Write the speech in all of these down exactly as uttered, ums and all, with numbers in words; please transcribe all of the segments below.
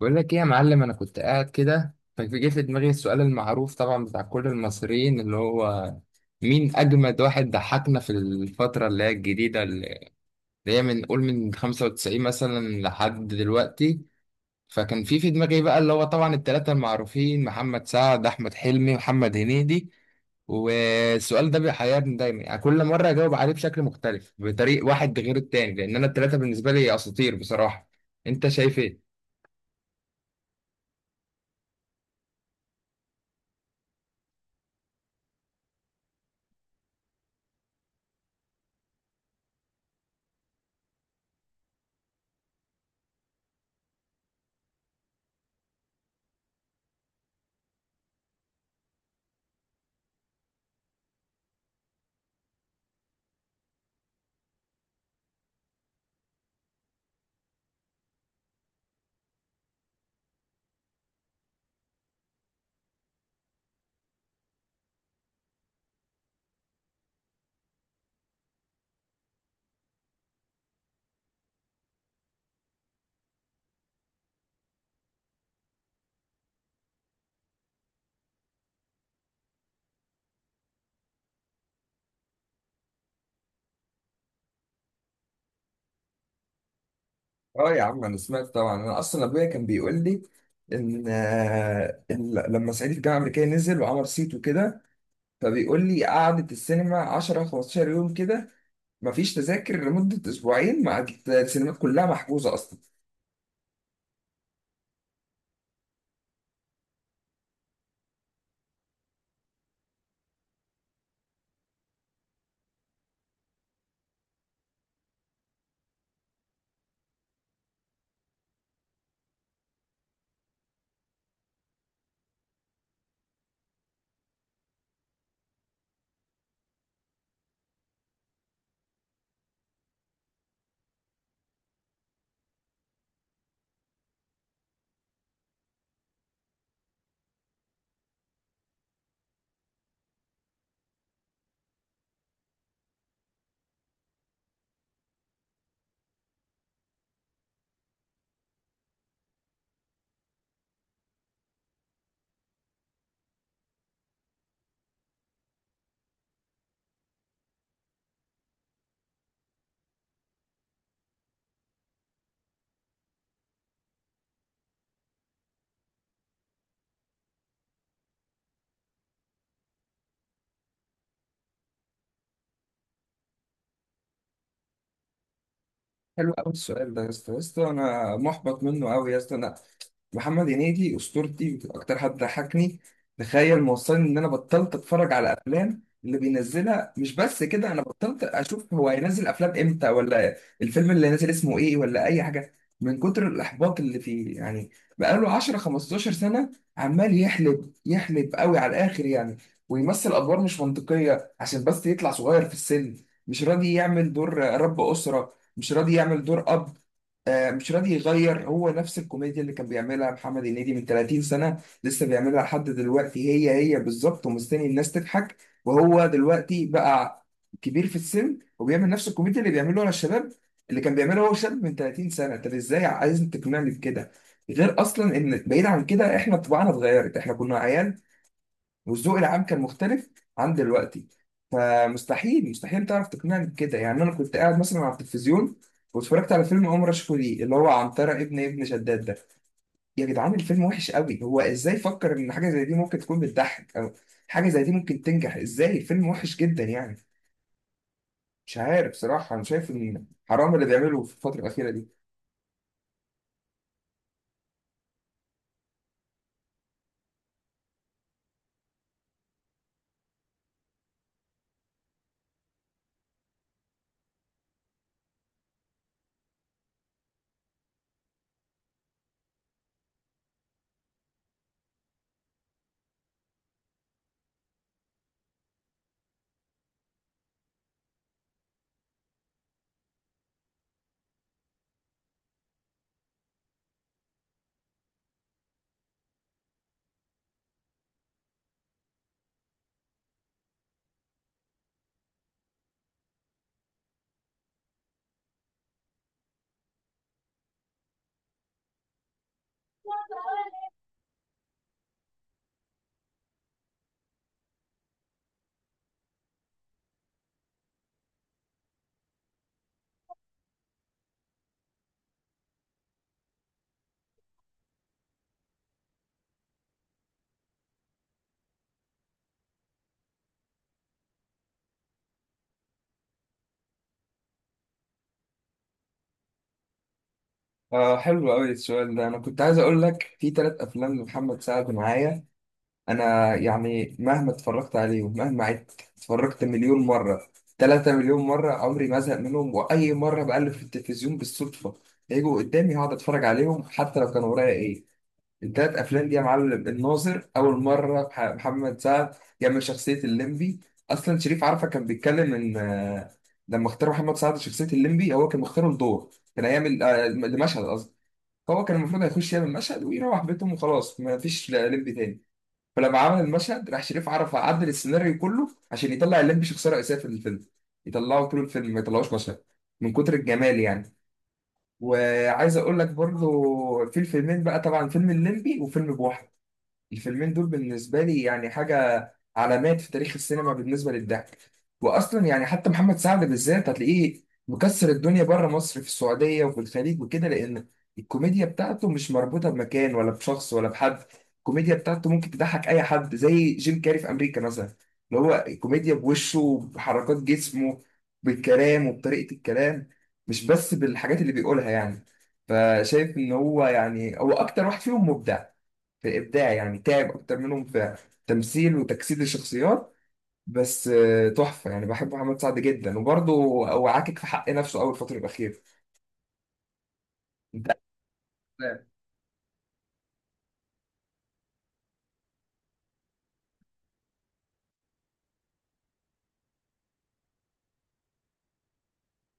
بقول لك ايه يا معلم، انا كنت قاعد كده فجه في دماغي السؤال المعروف طبعا بتاع كل المصريين، اللي هو مين اجمد واحد ضحكنا في الفتره اللي هي الجديده، اللي هي من قول من خمسة وتسعين مثلا لحد دلوقتي. فكان في في دماغي بقى اللي هو طبعا الثلاثه المعروفين: محمد سعد، احمد حلمي، محمد هنيدي. والسؤال ده بيحيرني دايما، يعني كل مره اجاوب عليه بشكل مختلف، بطريق واحد غير التاني، لان انا الثلاثه بالنسبه لي اساطير بصراحه. انت شايف ايه؟ اه يا عم، انا سمعت طبعا. انا اصلا ابويا كان بيقول لي ان آه، إن لما صعيدي في الجامعه الامريكيه نزل وعمل صيت وكده، فبيقول لي قعدت السينما عشرة خمسة عشر يوم كده، مفيش تذاكر لمده اسبوعين، مع السينمات كلها محجوزه اصلا. حلو قوي السؤال ده يا اسطى، يا اسطى انا محبط منه قوي يا اسطى. انا محمد هنيدي اسطورتي، اكتر حد ضحكني. تخيل موصلني ان انا بطلت اتفرج على افلام اللي بينزلها، مش بس كده، انا بطلت اشوف هو هينزل افلام امتى، ولا الفيلم اللي نازل اسمه ايه، ولا اي حاجه، من كتر الاحباط اللي فيه يعني. بقاله عشرة خمسة عشر سنه عمال يحلب يحلب قوي على الاخر يعني، ويمثل ادوار مش منطقيه عشان بس يطلع صغير في السن. مش راضي يعمل دور رب اسره، مش راضي يعمل دور اب، آه، مش راضي يغير. هو نفس الكوميديا اللي كان بيعملها محمد هنيدي من 30 سنة لسه بيعملها لحد دلوقتي، هي هي بالظبط، ومستني الناس تضحك. وهو دلوقتي بقى كبير في السن وبيعمل نفس الكوميديا اللي بيعمله على الشباب، اللي كان بيعملها هو شاب من 30 سنة. طب ازاي عايز تقنعني بكده؟ غير اصلا ان بعيد عن كده احنا طباعنا اتغيرت، احنا كنا عيال، والذوق العام كان مختلف عن دلوقتي. فمستحيل مستحيل تعرف تقنعني بكده يعني. انا كنت قاعد مثلا على التلفزيون واتفرجت على فيلم عمر رشفو دي، اللي هو عنترة ابن ابن شداد ده. يا جدعان الفيلم وحش قوي، هو ازاي فكر ان حاجه زي دي ممكن تكون بتضحك، او حاجه زي دي ممكن تنجح؟ ازاي؟ الفيلم وحش جدا يعني. مش عارف بصراحه، انا شايف ان حرام اللي بيعمله في الفتره الاخيره دي. آه، حلو قوي السؤال ده. انا كنت عايز اقول لك في ثلاث افلام لمحمد سعد معايا انا، يعني مهما اتفرجت عليهم مهما عدت اتفرجت مليون مره، 3 مليون مره، عمري ما ازهق منهم. واي مره بقلب في التلفزيون بالصدفه يجوا قدامي هقعد اتفرج عليهم، حتى لو كان ورايا ايه. التلات افلام دي يا معلم: الناظر، اول مره بح- محمد سعد يعمل شخصيه الليمبي. اصلا شريف عرفة كان بيتكلم ان آه، لما اختار محمد سعد شخصيه الليمبي، هو كان مختاره لدور كان هيعمل آه، لمشهد، قصدي هو كان المفروض هيخش يعمل مشهد ويروح بيتهم وخلاص، ما فيش ليمبي تاني. فلما عمل المشهد راح شريف عرف عدل السيناريو كله عشان يطلع الليمبي شخصية رئيسية في الفيلم، يطلعه طول الفيلم ما يطلعوش مشهد، من كتر الجمال يعني. وعايز اقول لك برضو في الفيلمين بقى، طبعا فيلم الليمبي وفيلم بوحة، الفيلمين دول بالنسبة لي يعني حاجة، علامات في تاريخ السينما بالنسبة للضحك. وأصلا يعني حتى محمد سعد بالذات هتلاقيه مكسر الدنيا بره مصر في السعودية وفي الخليج وكده، لأن الكوميديا بتاعته مش مربوطة بمكان ولا بشخص ولا بحد. الكوميديا بتاعته ممكن تضحك أي حد، زي جيم كاري في أمريكا مثلا، اللي هو الكوميديا بوشه بحركات جسمه بالكلام وبطريقة الكلام، مش بس بالحاجات اللي بيقولها يعني. فشايف إن هو يعني هو أكتر واحد فيهم مبدع، في الابداع يعني تعب اكتر منهم في تمثيل وتجسيد الشخصيات. بس آه، تحفه يعني، بحب محمد سعد جدا. وبرضه هو عاكك في حق نفسه اول الفتره الاخيره. انت.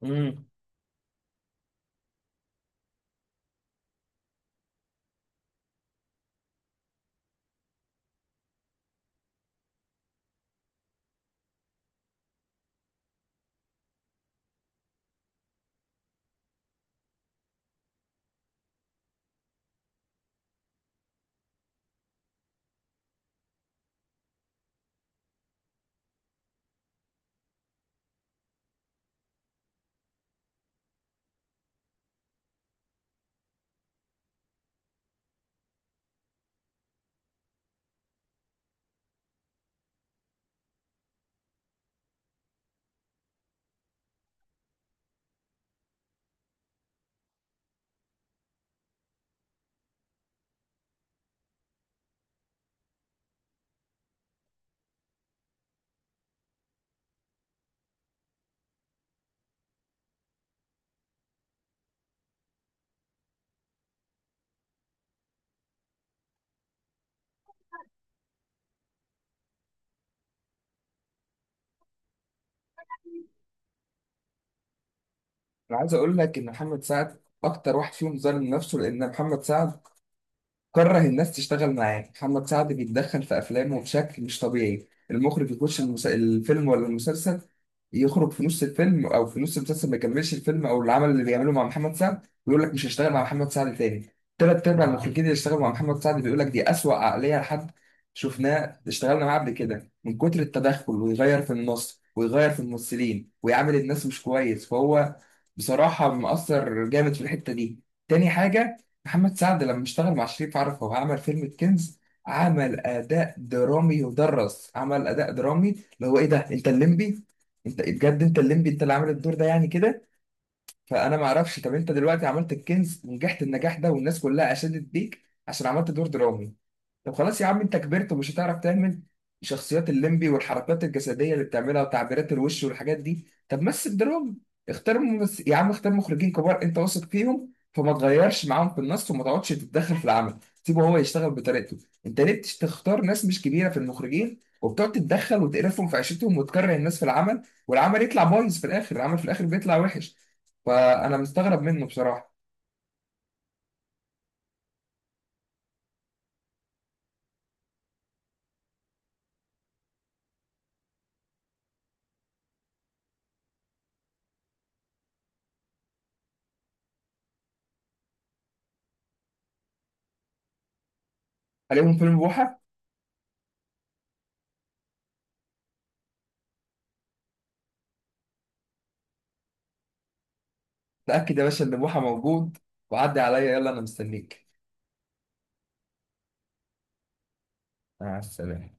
امم انا عايز اقول لك ان محمد سعد اكتر واحد فيهم ظالم نفسه، لان محمد سعد كره الناس تشتغل معاه. محمد سعد بيتدخل في افلامه بشكل مش طبيعي، المخرج يخش المس... الفيلم ولا المسلسل، يخرج في نص الفيلم او في نص المسلسل ما يكملش الفيلم او العمل اللي بيعمله مع محمد سعد، ويقول لك مش هشتغل مع محمد سعد تاني. تلات ارباع اه المخرجين اللي اشتغلوا مع محمد سعد بيقول لك دي اسوأ عقليه لحد شفناه اشتغلنا معاه قبل كده، من كتر التدخل ويغير في النص ويغير في الممثلين ويعامل الناس مش كويس. فهو بصراحه مؤثر جامد في الحته دي. تاني حاجه: محمد سعد لما اشتغل مع شريف عرفة وعمل فيلم الكنز، عمل اداء درامي يدرس، عمل اداء درامي اللي هو ايه ده، انت الليمبي! انت بجد انت الليمبي انت اللي عامل الدور ده يعني كده. فانا ما اعرفش، طب انت دلوقتي عملت الكنز ونجحت النجاح ده والناس كلها اشادت بيك عشان عملت دور درامي، طب خلاص يا عم انت كبرت ومش هتعرف تعمل شخصيات الليمبي والحركات الجسديه اللي بتعملها وتعبيرات الوش والحاجات دي، طب مثل دراما. اختار ممس... يا عم اختار مخرجين كبار انت واثق فيهم، فما تغيرش معاهم في النص وما تقعدش تتدخل في العمل، سيبه هو يشتغل بطريقته. انت ليه بتش- تختار ناس مش كبيره في المخرجين وبتقعد تتدخل وتقرفهم في عيشتهم وتكره الناس في العمل، والعمل يطلع بايظ في الاخر، العمل في الاخر بيطلع وحش. فانا مستغرب منه بصراحه. عليهم فيلم بوحه. تاكد يا باشا ان بوحه موجود وعدي عليا، يلا انا مستنيك. مع السلامة.